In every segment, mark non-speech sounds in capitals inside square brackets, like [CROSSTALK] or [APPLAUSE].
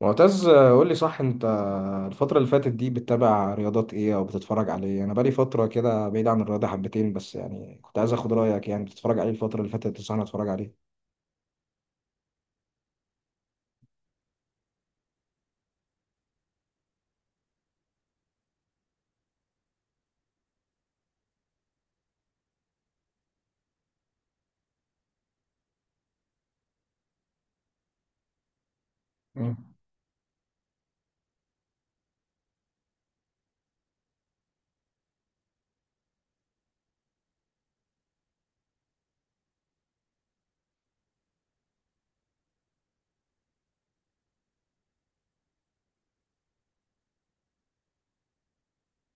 معتز قول لي، صح؟ انت الفترة اللي فاتت دي بتتابع رياضات ايه او بتتفرج على ايه؟ انا بقالي فترة كده بعيد عن الرياضة حبتين بس، يعني كنت عايز اخد رأيك، يعني بتتفرج عليه الفترة اللي فاتت، تنصحني اتفرج عليه؟ مم.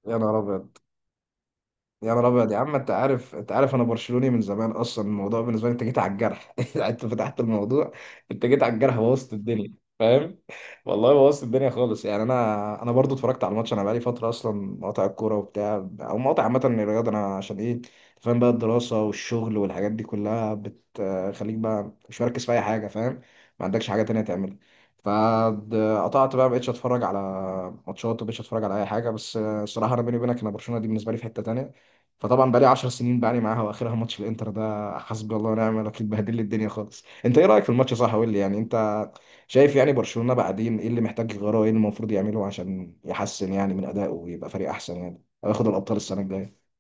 يا نهار ابيض، يا نهار ابيض يا عم. انت عارف انا برشلوني من زمان، اصلا الموضوع بالنسبه لي، انت جيت على الجرح. [LAUGHS] انت فتحت الموضوع، انت جيت على الجرح، بوظت الدنيا، فاهم. والله بوظت الدنيا خالص يعني، انا برضو اتفرجت على الماتش. انا بقالي فتره اصلا مقاطع الكوره وبتاع، او مقاطع عامه من الرياضه. انا عشان ايه، فاهم، بقى الدراسه والشغل والحاجات دي كلها بتخليك بقى مش مركز في اي حاجه، فاهم، ما عندكش حاجه تانية تعملها. فقطعت بقى، مبقتش اتفرج على ماتشات، ومبقتش اتفرج على اي حاجه. بس الصراحه انا بيني وبينك، انا برشلونه دي بالنسبه لي في حته تانية. فطبعا بقالي 10 سنين بقالي معاها، واخرها ماتش الانتر ده، حسبي الله ونعم الوكيل، بهدل لي الدنيا خالص. انت ايه رايك في الماتش؟ صح قول لي يعني. انت شايف يعني برشلونه بعدين ايه اللي محتاج يغيره، ايه اللي المفروض يعمله عشان يحسن يعني من ادائه ويبقى فريق احسن يعني، او ياخد الابطال السنه الجايه؟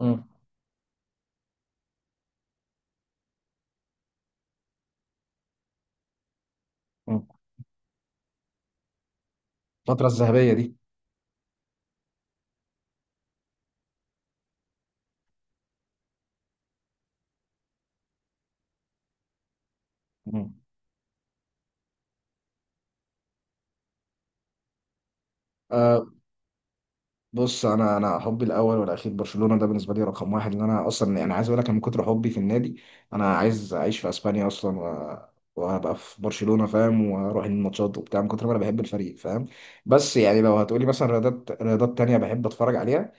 مم. مم. الفتره الذهبيه دي. مم. بص، انا حبي الاول والاخير برشلونه، ده بالنسبه لي رقم واحد. ان انا اصلا انا عايز اقول لك، من كتر حبي في النادي انا عايز اعيش في اسبانيا اصلا، وهبقى في برشلونه، فاهم، واروح الماتشات وبتاع، من كتر ما انا بحب الفريق، فاهم. بس يعني لو هتقولي مثلا رياضات تانية بحب اتفرج عليها.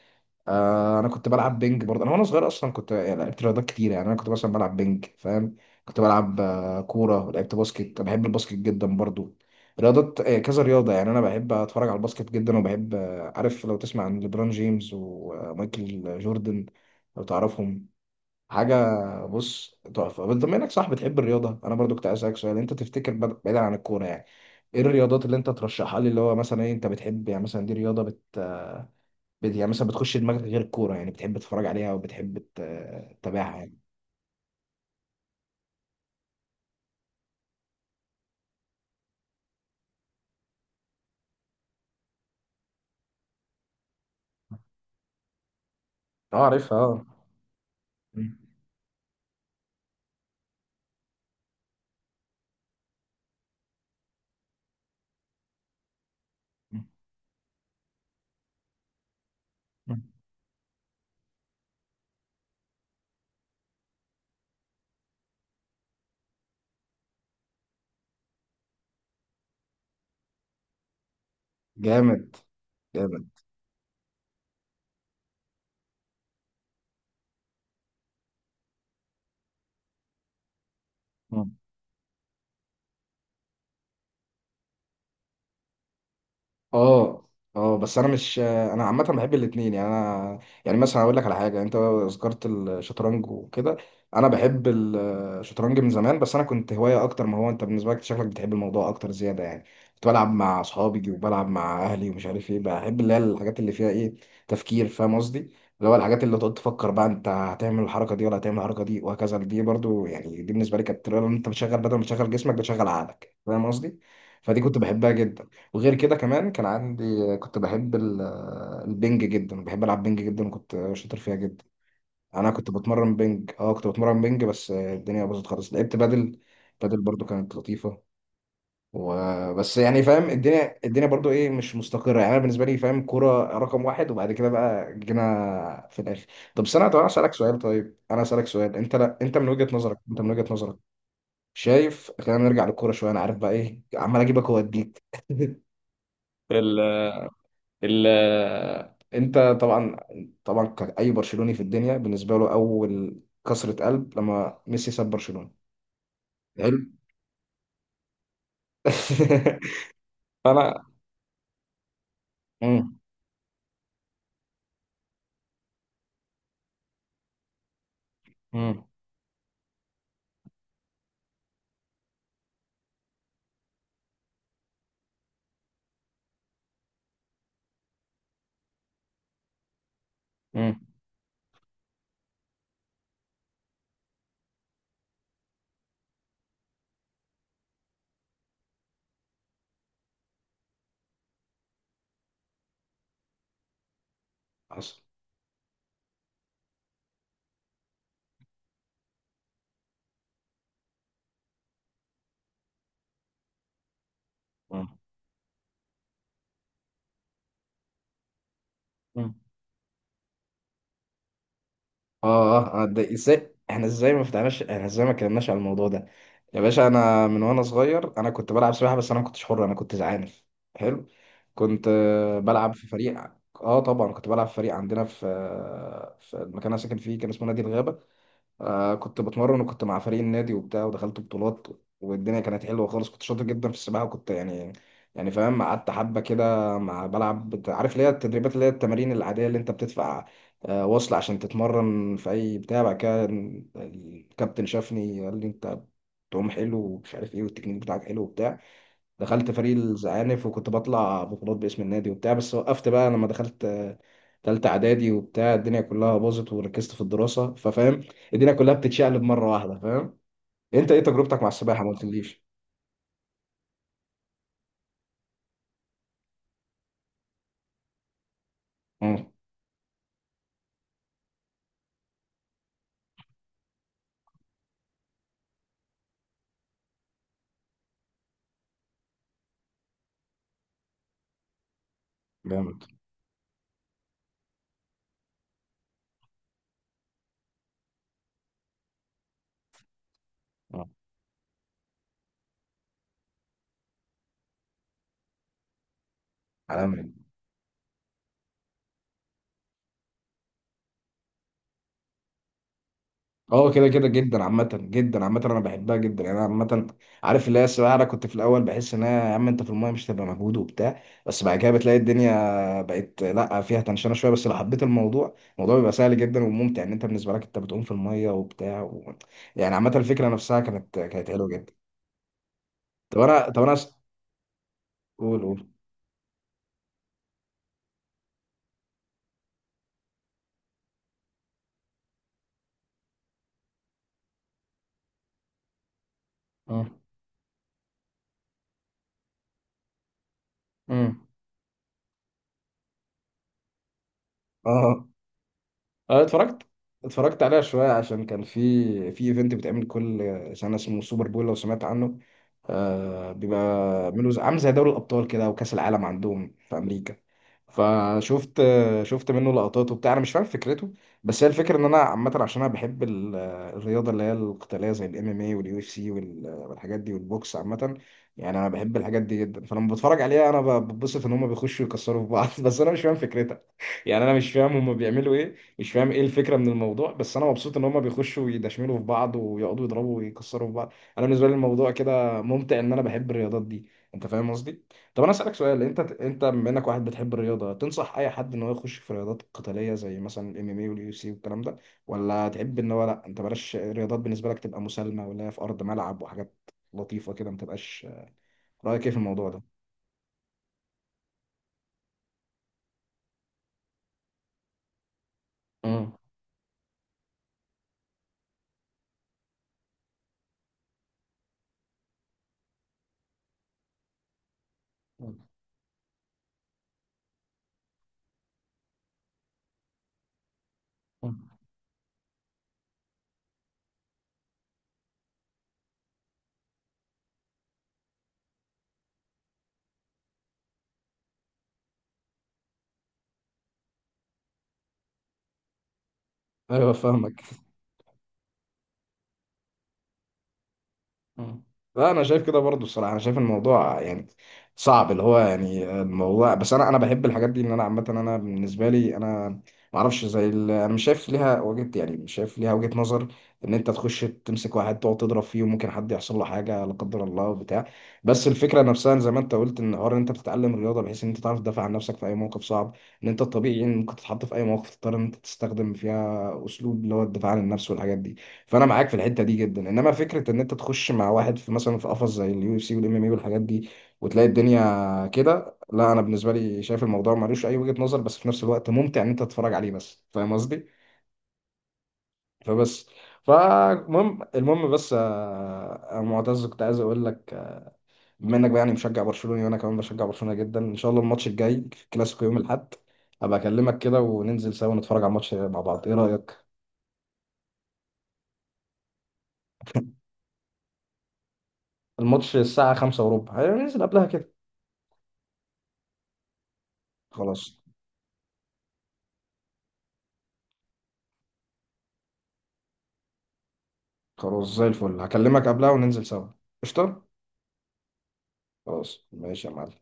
آه، انا كنت بلعب بينج برضه، انا وانا صغير اصلا، كنت يعني لعبت رياضات كتير، يعني انا كنت مثلا بلعب بينج، فاهم. كنت بلعب كوره، لعبت باسكت، أنا بحب الباسكت جدا برضه. رياضات، كذا رياضه، يعني انا بحب اتفرج على الباسكت جدا، وبحب، عارف لو تسمع عن ليبرون جيمس ومايكل جوردن، لو تعرفهم، حاجه. بص، تحفه. بس بما انك، صح، بتحب الرياضه، انا برضو كنت عايز اسالك سؤال. انت تفتكر، بعيدا عن الكوره يعني، ايه الرياضات اللي انت ترشحها لي؟ اللي هو مثلا ايه انت بتحب؟ يعني مثلا دي رياضه يعني مثلا بتخش دماغك غير الكورة، يعني بتحب تتفرج عليها، وبتحب تتابعها يعني. اه، عارفها، اه. م- م- م. جامد، جامد. م. اه، اه. بس انا مش، انا عامه بحب الاثنين يعني، انا يعني مثلا اقول لك على حاجه. انت ذكرت الشطرنج وكده، انا بحب الشطرنج من زمان، بس انا كنت هوايه اكتر، ما هو انت بالنسبه لك شكلك بتحب الموضوع اكتر زياده يعني. كنت بلعب مع اصحابي، وبلعب مع اهلي، ومش عارف ايه، بحب اللي هي الحاجات اللي فيها ايه، تفكير، فاهم قصدي؟ اللي هو الحاجات اللي تقعد تفكر بقى انت هتعمل الحركه دي ولا هتعمل الحركه دي، وهكذا. دي برضو يعني، دي بالنسبه لي كانت طريقه ان انت بتشغل، بدل ما تشغل جسمك بتشغل عقلك، فاهم قصدي. فدي كنت بحبها جدا. وغير كده كمان كان عندي، كنت بحب البنج جدا، بحب العب بنج جدا وكنت شاطر فيها جدا. انا كنت بتمرن بنج، بس الدنيا باظت خالص، لعبت بدل. بدل برضو كانت لطيفة. وبس يعني، فاهم، الدنيا برضو ايه، مش مستقرة يعني. انا بالنسبة لي، فاهم، كرة رقم واحد، وبعد كده بقى جينا في الاخر. طب انا اسالك سؤال طيب انا اسالك سؤال. انت لا انت من وجهة نظرك شايف، خلينا نرجع للكورة شوية، انا عارف بقى ايه، عمال اجيبك واديك. [LAUGHS] ال انت طبعا، كأي برشلوني في الدنيا بالنسبه له، اول كسرة قلب لما ميسي ساب برشلونة. حلو. [LAUGHS] فانا. مم. مم. مم. حصل. مم. مم. اه، اه، ده ازاي، احنا ازاي ما فتحناش، احنا ازاي ما اتكلمناش على الموضوع ده؟ يا باشا انا من وانا صغير انا كنت بلعب سباحه، بس انا ما كنتش حر، انا كنت زعانف. حلو. كنت بلعب في فريق. اه، طبعا كنت بلعب في فريق عندنا في، في المكان اللي أنا ساكن فيه، كان اسمه نادي الغابه. آه، كنت بتمرن، وكنت مع فريق النادي وبتاع، ودخلت بطولات، والدنيا كانت حلوه خالص. كنت شاطر جدا في السباحه، وكنت يعني، فاهم، قعدت حبه كده مع، بلعب عارف اللي هي التدريبات، اللي هي التمارين العاديه اللي انت بتدفع وصل عشان تتمرن في اي بتاع. بعد كده الكابتن شافني قال لي انت بتعوم حلو، ومش عارف ايه، والتكنيك بتاعك حلو وبتاع. دخلت فريق الزعانف، وكنت بطلع بطولات باسم النادي وبتاع. بس وقفت بقى لما دخلت تالتة إعدادي وبتاع، الدنيا كلها باظت، وركزت في الدراسة، ففاهم، الدنيا كلها بتتشقلب مرة واحدة، فاهم. أنت إيه تجربتك مع السباحة؟ ما قلتليش. مم، جامد. آه، عالمي. اه، كده كده جدا عامة، انا بحبها جدا يعني، انا عامة. عارف اللي هي السباحة، انا كنت في الاول بحس ان هي، يا عم انت في المايه مش هتبقى مجهود وبتاع، بس بعد كده بتلاقي الدنيا بقت لا، فيها تنشنة شوية، بس لو حبيت الموضوع، الموضوع بيبقى سهل جدا وممتع، ان انت بالنسبة لك انت بتعوم في المايه وبتاع. يعني عامة الفكرة نفسها كانت حلوه جدا. طب انا طب انا أس- قول، قول. اه، امم اه، اه، اتفرجت عليها شوية. عشان كان في ايفنت بيتعمل كل سنة اسمه سوبر بول، لو سمعت عنه. آه، بيبقى عامل زي دوري الأبطال كده، أو كأس العالم عندهم في أمريكا. فشفت شفت منه لقطات وبتاع، أنا مش فاهم فكرته. بس هي الفكرة إن أنا عامة، عشان أنا بحب الرياضة اللي هي القتالية، زي الام ام اي واليو اف سي والحاجات دي، والبوكس عامة، يعني أنا بحب الحاجات دي جدا، فلما بتفرج عليها أنا ببسط إن هما بيخشوا يكسروا في بعض. [LAUGHS] بس أنا مش فاهم فكرتها، يعني انا مش فاهم هما بيعملوا ايه، مش فاهم ايه الفكره من الموضوع، بس انا مبسوط ان هما بيخشوا يدشملوا في بعض، ويقعدوا يضربوا ويكسروا في بعض. انا بالنسبه لي الموضوع كده ممتع، ان انا بحب الرياضات دي. انت فاهم قصدي؟ طب انا اسالك سؤال، انت بما انك واحد بتحب الرياضه، تنصح اي حد ان هو يخش في رياضات قتاليه زي مثلا الام ام اي واليو سي والكلام ده، ولا تحب ان هو لا، انت بلاش الرياضات بالنسبه لك، تبقى مسالمه، ولا هي في ارض ملعب وحاجات لطيفه كده، ما تبقاش؟ رايك ايه في الموضوع ده؟ امم، ايوه فاهمك. مم. لا، انا شايف كده برضو. الصراحه انا شايف الموضوع يعني صعب، اللي هو يعني الموضوع، بس انا بحب الحاجات دي، ان انا عامه. انا بالنسبه لي انا ما اعرفش، زي انا مش شايف ليها وجهه، يعني مش شايف ليها وجهه نظر ان انت تخش تمسك واحد تقعد تضرب فيه، وممكن حد يحصل له حاجه لا قدر الله وبتاع. بس الفكره نفسها زي ما انت قلت، ان حوار ان انت بتتعلم رياضه بحيث ان انت تعرف تدافع عن نفسك في اي موقف صعب، ان انت الطبيعي ان ممكن تتحط في اي موقف تضطر ان انت تستخدم فيها اسلوب اللي هو الدفاع عن النفس والحاجات دي. فانا معاك في الحته دي جدا، انما فكره ان انت تخش مع واحد في، مثلا في قفص زي اليو اف سي والام ام اي والحاجات دي، وتلاقي الدنيا كده، لا، انا بالنسبه لي شايف الموضوع ملوش اي وجهه نظر، بس في نفس الوقت ممتع ان انت تتفرج عليه بس، فاهم قصدي. فبس، فالمهم بس، آه، يا معتز كنت عايز اقول لك، آه، بما انك بقى يعني مشجع برشلوني، وانا كمان بشجع برشلونه جدا، ان شاء الله الماتش الجاي في الكلاسيكو يوم الاحد هبقى اكلمك كده وننزل سوا نتفرج على الماتش مع بعض، ايه رايك؟ الماتش الساعه 5 وربع، هننزل قبلها كده. خلاص. خلاص زي الفل، هكلمك قبلها وننزل سوا. قشطة. خلاص، ماشي يا معلم.